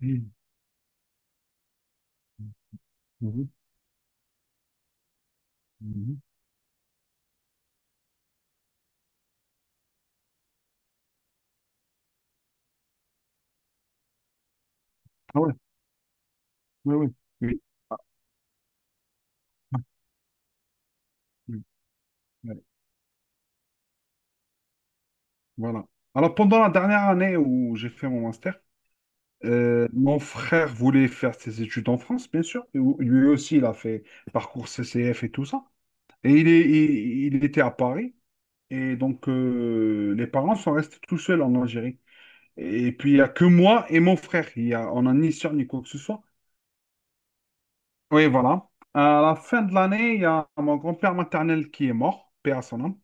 Mmh. Mmh. Mmh. Ah ouais, ouais, ouais, oui. Oui, ouais, voilà. Alors pendant la dernière année où j'ai fait mon master, mon frère voulait faire ses études en France, bien sûr. Et lui aussi, il a fait parcours CCF et tout ça. Et il était à Paris. Et donc, les parents sont restés tout seuls en Algérie. Et puis, il n'y a que moi et mon frère. Il y a, on n'a ni sœur ni quoi que ce soit. Oui, voilà. À la fin de l'année, il y a mon grand-père maternel qui est mort, père à son âme.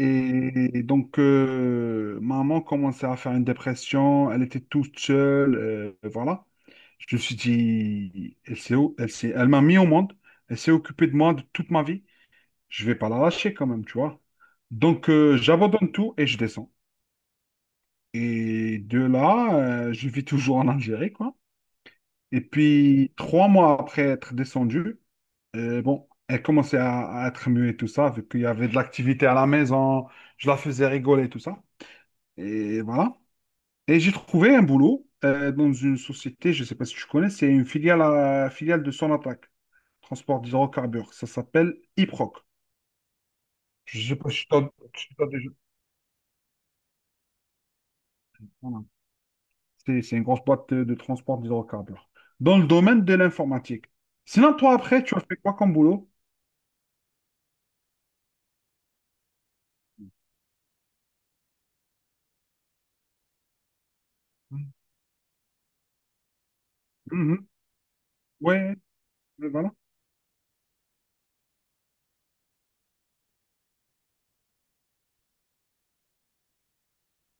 Et donc, maman commençait à faire une dépression, elle était toute seule, voilà. Je me suis dit, elle s'est, au- elle s'est- elle m'a mis au monde, elle s'est occupée de moi de toute ma vie, je vais pas la lâcher quand même, tu vois. Donc, j'abandonne tout et je descends. Et de là, je vis toujours en Algérie, quoi. Et puis, 3 mois après être descendu, bon, elle commençait à être mieux et tout ça, vu qu'il y avait de l'activité à la maison, je la faisais rigoler et tout ça. Et voilà. Et j'ai trouvé un boulot dans une société, je ne sais pas si tu connais, c'est une filiale, filiale de Sonatrach, transport d'hydrocarbures. Ça s'appelle IPROC. Je ne sais pas si tu as, si t'as déjà... Voilà. C'est une grosse boîte de transport d'hydrocarbures. Dans le domaine de l'informatique. Sinon, toi, après, tu as fait quoi comme boulot? Mhm. Ouais, ouais, voilà.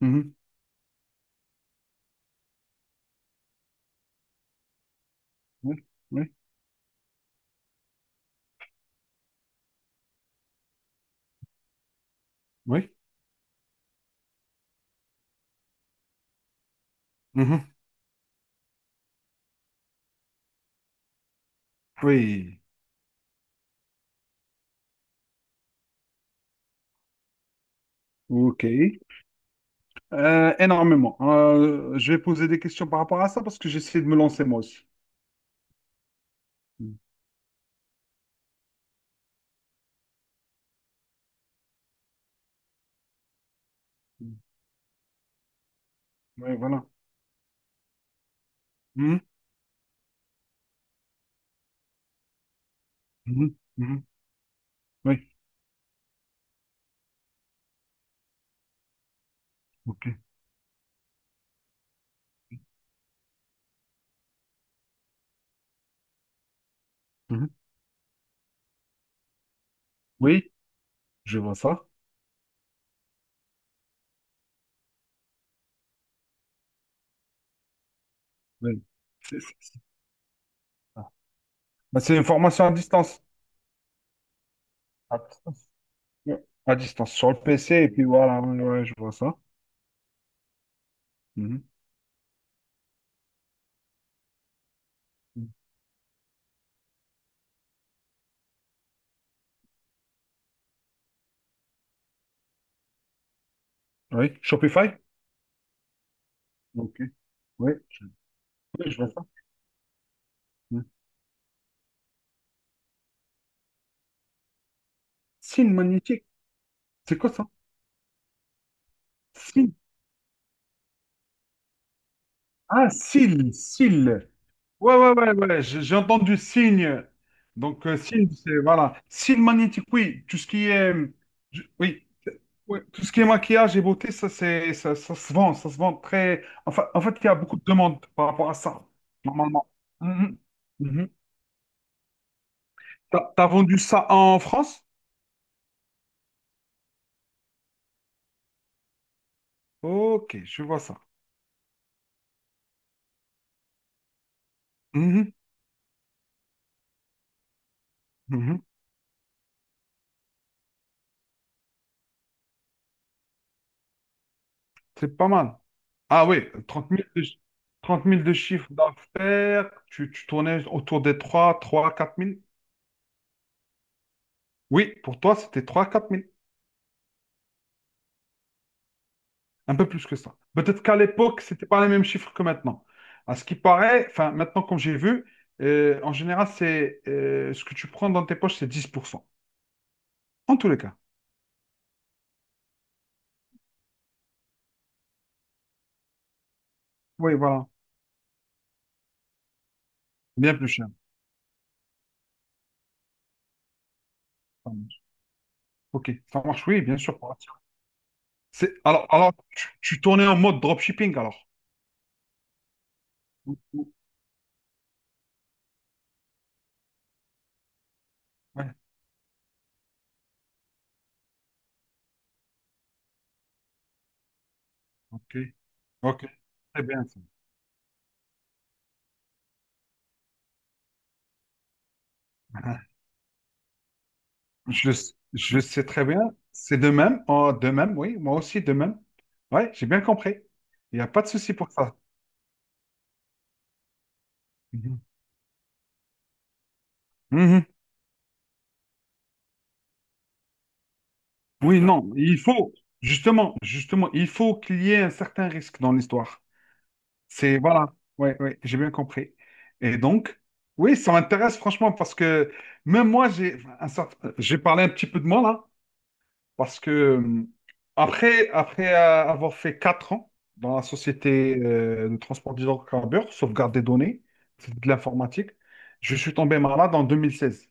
Mhm. Oui, oui, oui. Mhm. Oui. Ok. Énormément. Je vais poser des questions par rapport à ça parce que j'essaie de me lancer moi aussi. Mhm. Oui, voilà. Mhm. Mhm. Mhm. Oui, ok. Mhm. Oui, je vois ça. Oui. C'est ça. Bah, c'est une formation à distance. À distance. Ouais. À distance, sur le PC, et puis voilà, ouais, ouais, je vois ça. Mhm. Mhm. Oui, Shopify? Ok. Oui, je vois ça. Mhm. Signe magnétique, c'est quoi ça? Signe. Ah, SIL, SIL. Ouais, ouais, ouais, ouais, j'ai entendu signe. Donc, signe, c'est, voilà. Signe magnétique, oui, tout ce qui est, oui, ouais, tout ce qui est maquillage et beauté, ça, c'est, ça se vend très. Enfin, en fait, il y a beaucoup de demandes par rapport à ça, normalement. Mhm. Mhm. T'as vendu ça en France? Ok, je vois ça. Mhm. Mhm. C'est pas mal. Ah oui, trente mille de, chi- 30 000 de chiffre d'affaires, tu tournais autour des trois quatre mille? Oui, pour toi, c'était trois quatre 000. Un peu plus que ça. Peut-être qu'à l'époque, c'était pas les mêmes chiffres que maintenant. À ce qui paraît, enfin, maintenant, comme j'ai vu, en général, c'est ce que tu prends dans tes poches, c'est 10%. En tous les cas. Oui, voilà. Bien plus cher. Ça marche. Ok, ça marche, oui, bien sûr. Pour la tire. Alors, tu tournais en mode dropshipping, alors? Ou- ou- Ouais. Ok, ok. Très bien. Ça. Je le sais très bien. C'est de même. Oh, de même, oui. Moi aussi, de même. Ouais, j'ai bien compris. Il n'y a pas de souci pour ça. Mhm. Mhm. Oui, non, il faut, justement, il faut qu'il y ait un certain risque dans l'histoire. C'est, voilà, ouais, ouais, j'ai bien compris. Et donc, oui, ça m'intéresse franchement parce que même moi, j'ai parlé un petit peu de moi là, parce que après avoir fait 4 ans dans la société de transport d'hydrocarbures, sauvegarde des données, c'est de l'informatique, je suis tombé malade en 2016.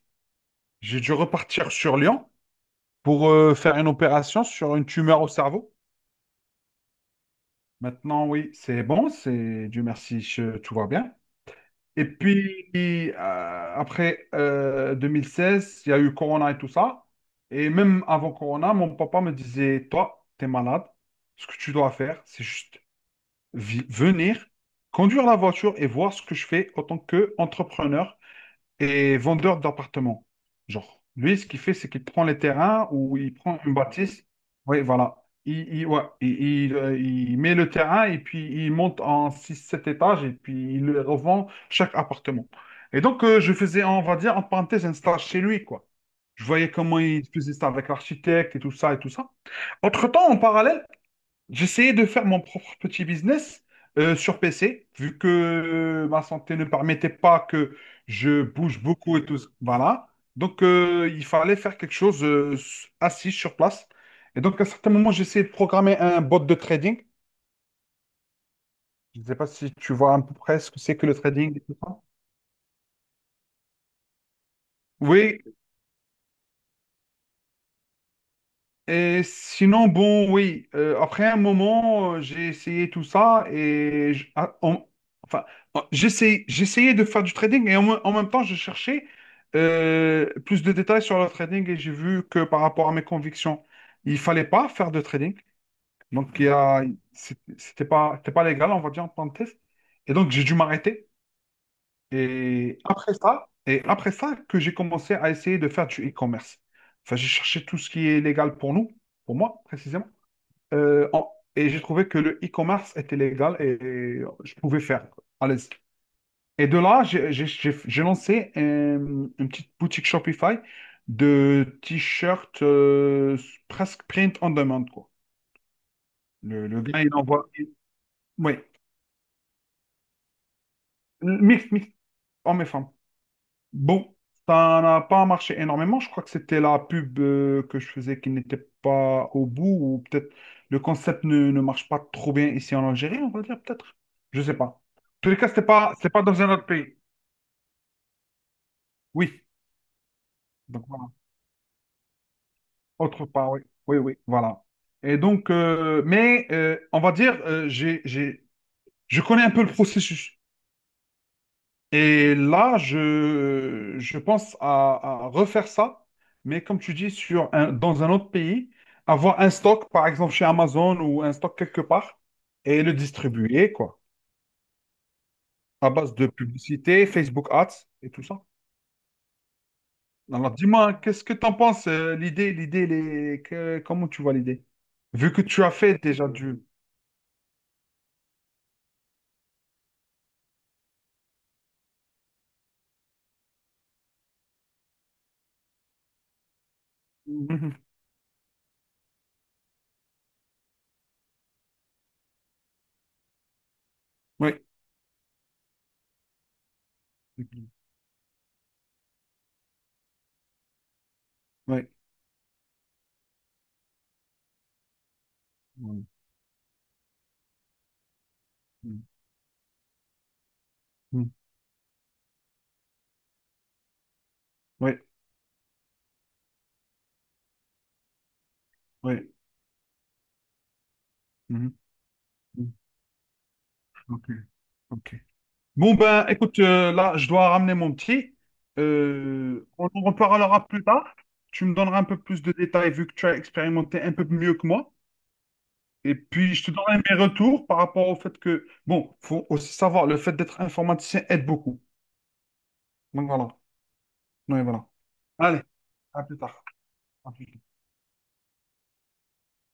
J'ai dû repartir sur Lyon pour faire une opération sur une tumeur au cerveau. Maintenant, oui, c'est bon, c'est Dieu merci, tout va bien. Et puis, après 2016, il y a eu Corona et tout ça. Et même avant Corona, mon papa me disait, toi, t'es malade, ce que tu dois faire, c'est juste venir, conduire la voiture et voir ce que je fais en tant qu'entrepreneur et vendeur d'appartements. Genre, lui, ce qu'il fait, c'est qu'il prend les terrains ou il prend une bâtisse. Oui, voilà. Ouais, il met le terrain et puis il monte en 6 7 étages et puis il le revend chaque appartement. Et donc, je faisais, on va dire, en parenthèse, un stage chez lui, quoi. Je voyais comment il faisait ça avec l'architecte et tout ça et tout ça. Entre-temps, en parallèle, j'essayais de faire mon propre petit business sur PC, vu que ma santé ne permettait pas que je bouge beaucoup et tout ça. Voilà. Donc, il fallait faire quelque chose assis sur place. Et donc, à un certain moment, j'ai essayé de programmer un bot de trading. Je ne sais pas si tu vois à peu près ce que c'est que le trading et tout ça. Oui, et sinon, bon, oui, après un moment, j'ai essayé tout ça et enfin, j'essayais de faire du trading et en même temps, je cherchais plus de détails sur le trading et j'ai vu que par rapport à mes convictions, il fallait pas faire de trading. Donc, il y a, c'est- c'était pas légal, on va dire, en tant que test. Et donc, j'ai dû m'arrêter. Et après ça que j'ai commencé à essayer de faire du e-commerce. Enfin, j'ai cherché tout ce qui est légal pour nous, pour moi précisément. Et j'ai trouvé que le e-commerce était légal et je pouvais faire à l'aise. Et de là, j'ai lancé une petite boutique Shopify de t-shirts presque print on demand, quoi. Le gars, il envoie. Oui, mix, hommes et femmes. Bon, ça n'a pas marché énormément. Je crois que c'était la pub que je faisais qui n'était pas au bout, ou peut-être le concept ne marche pas trop bien ici en Algérie, on va dire peut-être. Je sais pas. En tous les cas, c'était pas dans un autre pays. Oui. Donc voilà. Autre part, oui. Oui, oui, voilà. Et donc, mais on va dire, je connais un peu le processus. Et là, je pense à refaire ça, mais comme tu dis, dans un autre pays, avoir un stock, par exemple chez Amazon ou un stock quelque part, et le distribuer, quoi, à base de publicité, Facebook Ads et tout ça. Alors, dis-moi, qu'est-ce que tu en penses, l'idée, l'idée, comment tu vois l'idée? Vu que tu as fait déjà du... Mhm. Oui, oui, oui, oui, oui, oui. Mhm. Mhm. Ok, ok. Bon, ben, écoute, là, je dois ramener mon petit. On en reparlera plus tard. Tu me donneras un peu plus de détails vu que tu as expérimenté un peu mieux que moi. Et puis, je te donnerai mes retours par rapport au fait que, bon, faut aussi savoir, le fait d'être informaticien aide beaucoup. Donc voilà. Donc, voilà. Allez, à plus tard. À plus.